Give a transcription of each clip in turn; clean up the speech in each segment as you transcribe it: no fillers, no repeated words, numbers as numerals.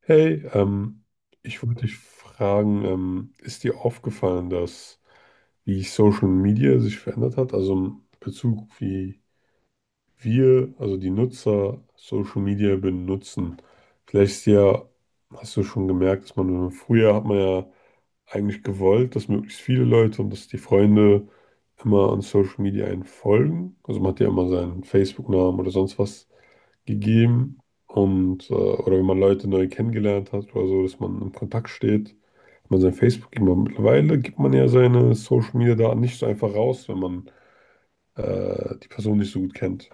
Hey, ich wollte dich fragen, ist dir aufgefallen, dass wie Social Media sich verändert hat, also im Bezug wie wir, also die Nutzer, Social Media benutzen? Vielleicht ist ja, hast du schon gemerkt, dass man früher hat man ja eigentlich gewollt, dass möglichst viele Leute und dass die Freunde immer an Social Media einen folgen. Also man hat ja immer seinen Facebook-Namen oder sonst was gegeben und oder wenn man Leute neu kennengelernt hat oder so, dass man im Kontakt steht, wenn man sein Facebook immer mittlerweile gibt man ja seine Social Media Daten nicht so einfach raus, wenn man die Person nicht so gut kennt.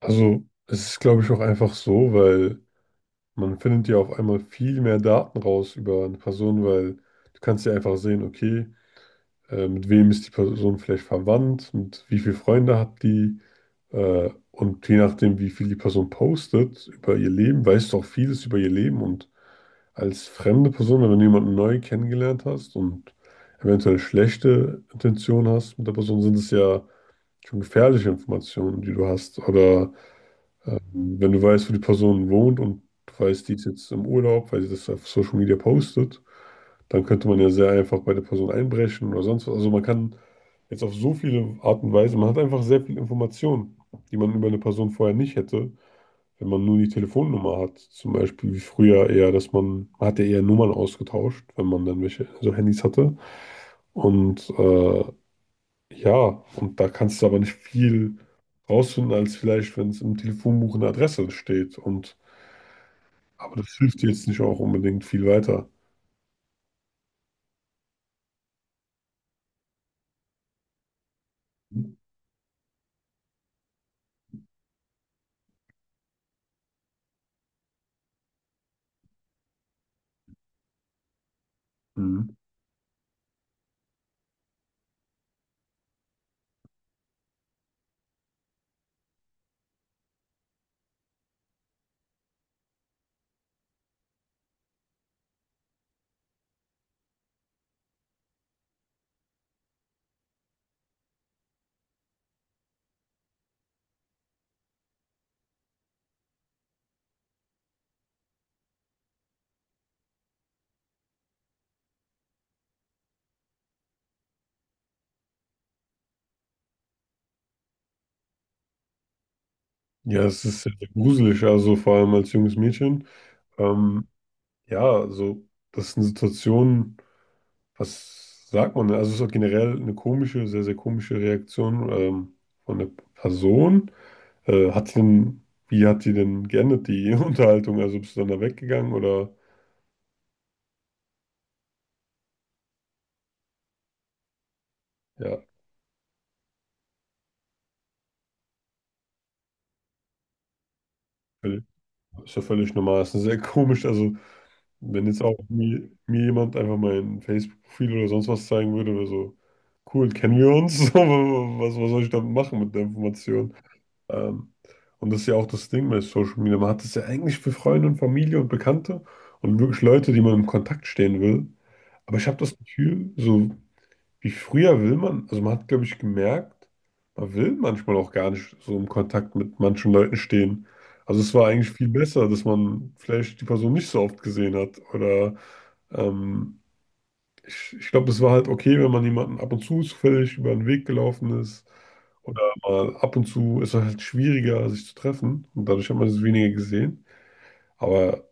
Also es ist glaube ich auch einfach so, weil man findet ja auf einmal viel mehr Daten raus über eine Person, weil du kannst ja einfach sehen, okay, mit wem ist die Person vielleicht verwandt, mit wie viele Freunde hat die. Und je nachdem, wie viel die Person postet über ihr Leben, weißt du auch vieles über ihr Leben. Und als fremde Person, wenn du jemanden neu kennengelernt hast und eventuell schlechte Intentionen hast mit der Person, sind es ja schon gefährliche Informationen, die du hast. Oder wenn du weißt, wo die Person wohnt und du weißt, die ist jetzt im Urlaub, weil sie das auf Social Media postet, dann könnte man ja sehr einfach bei der Person einbrechen oder sonst was. Also man kann jetzt auf so viele Art und Weise, man hat einfach sehr viel Information, die man über eine Person vorher nicht hätte, wenn man nur die Telefonnummer hat. Zum Beispiel wie früher eher, dass man hat ja eher Nummern ausgetauscht, wenn man dann welche, so Handys hatte. Und ja, und da kannst du aber nicht viel rausfinden, als vielleicht, wenn es im Telefonbuch eine Adresse steht. Und, aber das hilft dir jetzt nicht auch unbedingt viel weiter. Mhm. Ja, es ist sehr, sehr gruselig, also vor allem als junges Mädchen. Ähm, ja, also das ist eine Situation, was sagt man denn? Also es ist auch generell eine komische, sehr, sehr komische Reaktion, von der Person. Hat die denn, wie hat die denn geendet, die Unterhaltung? Also bist du dann da weggegangen oder ja. Ist ja völlig normal. Ist ja sehr komisch. Also, wenn jetzt auch mir jemand einfach mein Facebook-Profil oder sonst was zeigen würde, wäre so, cool, kennen wir uns? So, was, was soll ich damit machen mit der Information? Ähm, und das ist ja auch das Ding bei Social Media. Man hat es ja eigentlich für Freunde und Familie und Bekannte und wirklich Leute, die man im Kontakt stehen will. Aber ich habe das Gefühl, so wie früher will man, also man hat, glaube ich, gemerkt, man will manchmal auch gar nicht so im Kontakt mit manchen Leuten stehen. Also es war eigentlich viel besser, dass man vielleicht die Person nicht so oft gesehen hat. Oder ähm, ich glaube, es war halt okay, wenn man jemanden ab und zu zufällig über den Weg gelaufen ist. Oder mal ab und zu ist es halt schwieriger, sich zu treffen. Und dadurch hat man es weniger gesehen. Aber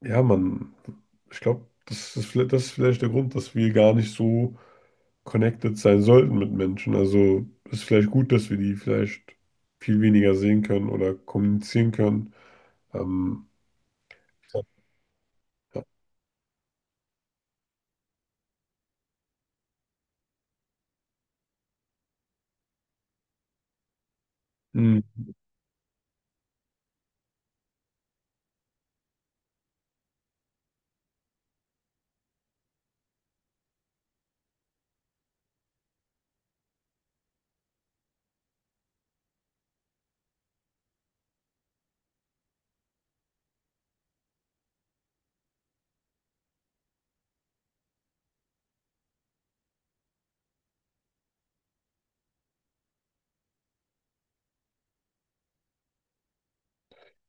ja, man, ich glaube, das ist vielleicht, das ist vielleicht der Grund, dass wir gar nicht so connected sein sollten mit Menschen. Also ist vielleicht gut, dass wir die vielleicht viel weniger sehen können oder kommunizieren können. Ähm, ja. Hm.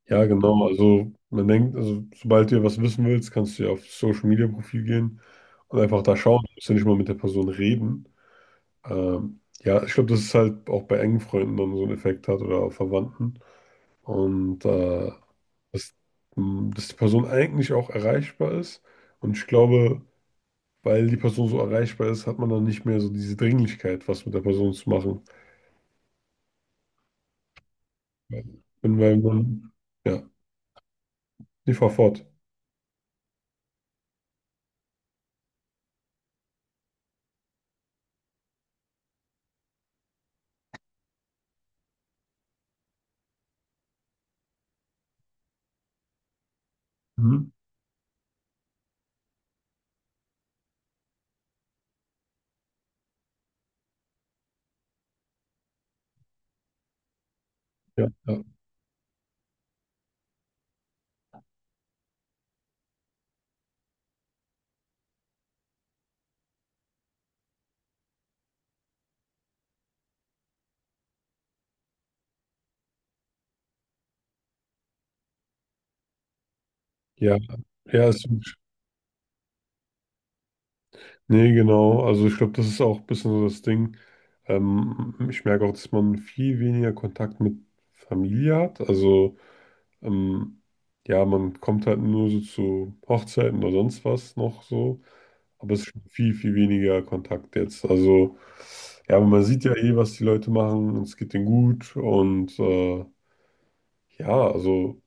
Ja, genau. Also man denkt, also sobald du was wissen willst, kannst du ja auf das Social Media Profil gehen und einfach da schauen. Du musst ja nicht mal mit der Person reden. Ja, ich glaube, das ist halt auch bei engen Freunden dann so einen Effekt hat oder auch Verwandten. Und dass, dass die Person eigentlich auch erreichbar ist. Und ich glaube, weil die Person so erreichbar ist, hat man dann nicht mehr so diese Dringlichkeit, was mit der Person zu machen. Und weil man, ja, die fahr fort. Mhm. Ja, ja, ja, ja, ist, nee, genau. Also ich glaube, das ist auch ein bisschen so das Ding. Ich merke auch, dass man viel weniger Kontakt mit Familie hat. Also ähm, ja, man kommt halt nur so zu Hochzeiten oder sonst was noch so. Aber es ist schon viel, viel weniger Kontakt jetzt. Also, ja, aber man sieht ja eh, was die Leute machen und es geht denen gut. Und ja, also,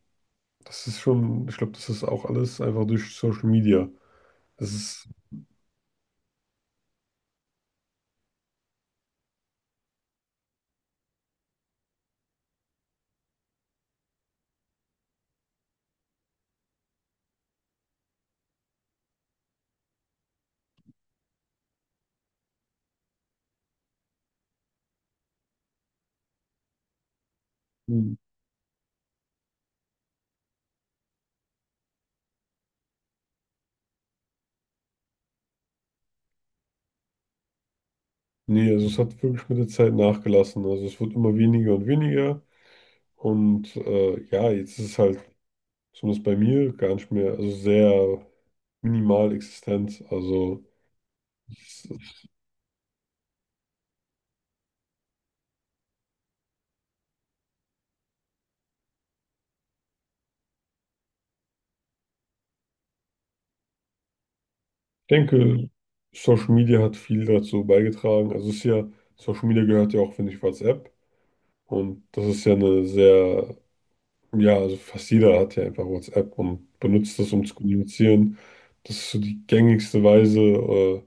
das ist schon, ich glaube, das ist auch alles einfach durch Social Media. Das ist, nee, also es hat wirklich mit der Zeit nachgelassen. Also, es wird immer weniger und weniger. Und ja, jetzt ist es halt, zumindest bei mir, gar nicht mehr, also sehr minimal existent. Also, es, ich denke, Social Media hat viel dazu beigetragen. Also es ist ja, Social Media gehört ja auch, finde ich, WhatsApp. Und das ist ja eine sehr, ja, also fast jeder hat ja einfach WhatsApp und benutzt das, um zu kommunizieren. Das ist so die gängigste Weise. Äh,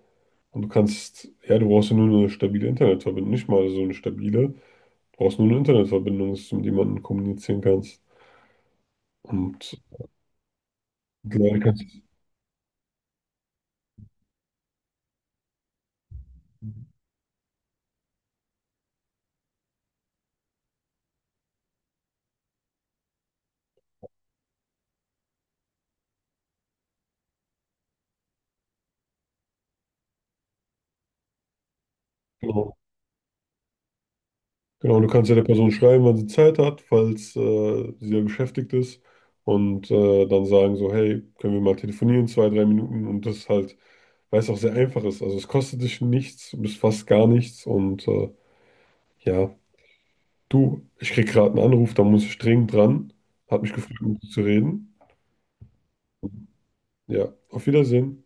und du kannst, ja, du brauchst ja nur eine stabile Internetverbindung, nicht mal so eine stabile. Du brauchst nur eine Internetverbindung, dass du mit jemandem kommunizieren kannst. Und mittlerweile kannst du, genau, du kannst ja der Person schreiben, wann sie Zeit hat, falls sie ja beschäftigt ist. Und dann sagen so, hey, können wir mal telefonieren, 2, 3 Minuten. Und das halt, weil es auch sehr einfach ist. Also es kostet dich nichts, du bist fast gar nichts. Und ja, du, ich krieg gerade einen Anruf, da muss ich dringend dran. Hat mich gefreut, mit dir zu reden. Ja, auf Wiedersehen.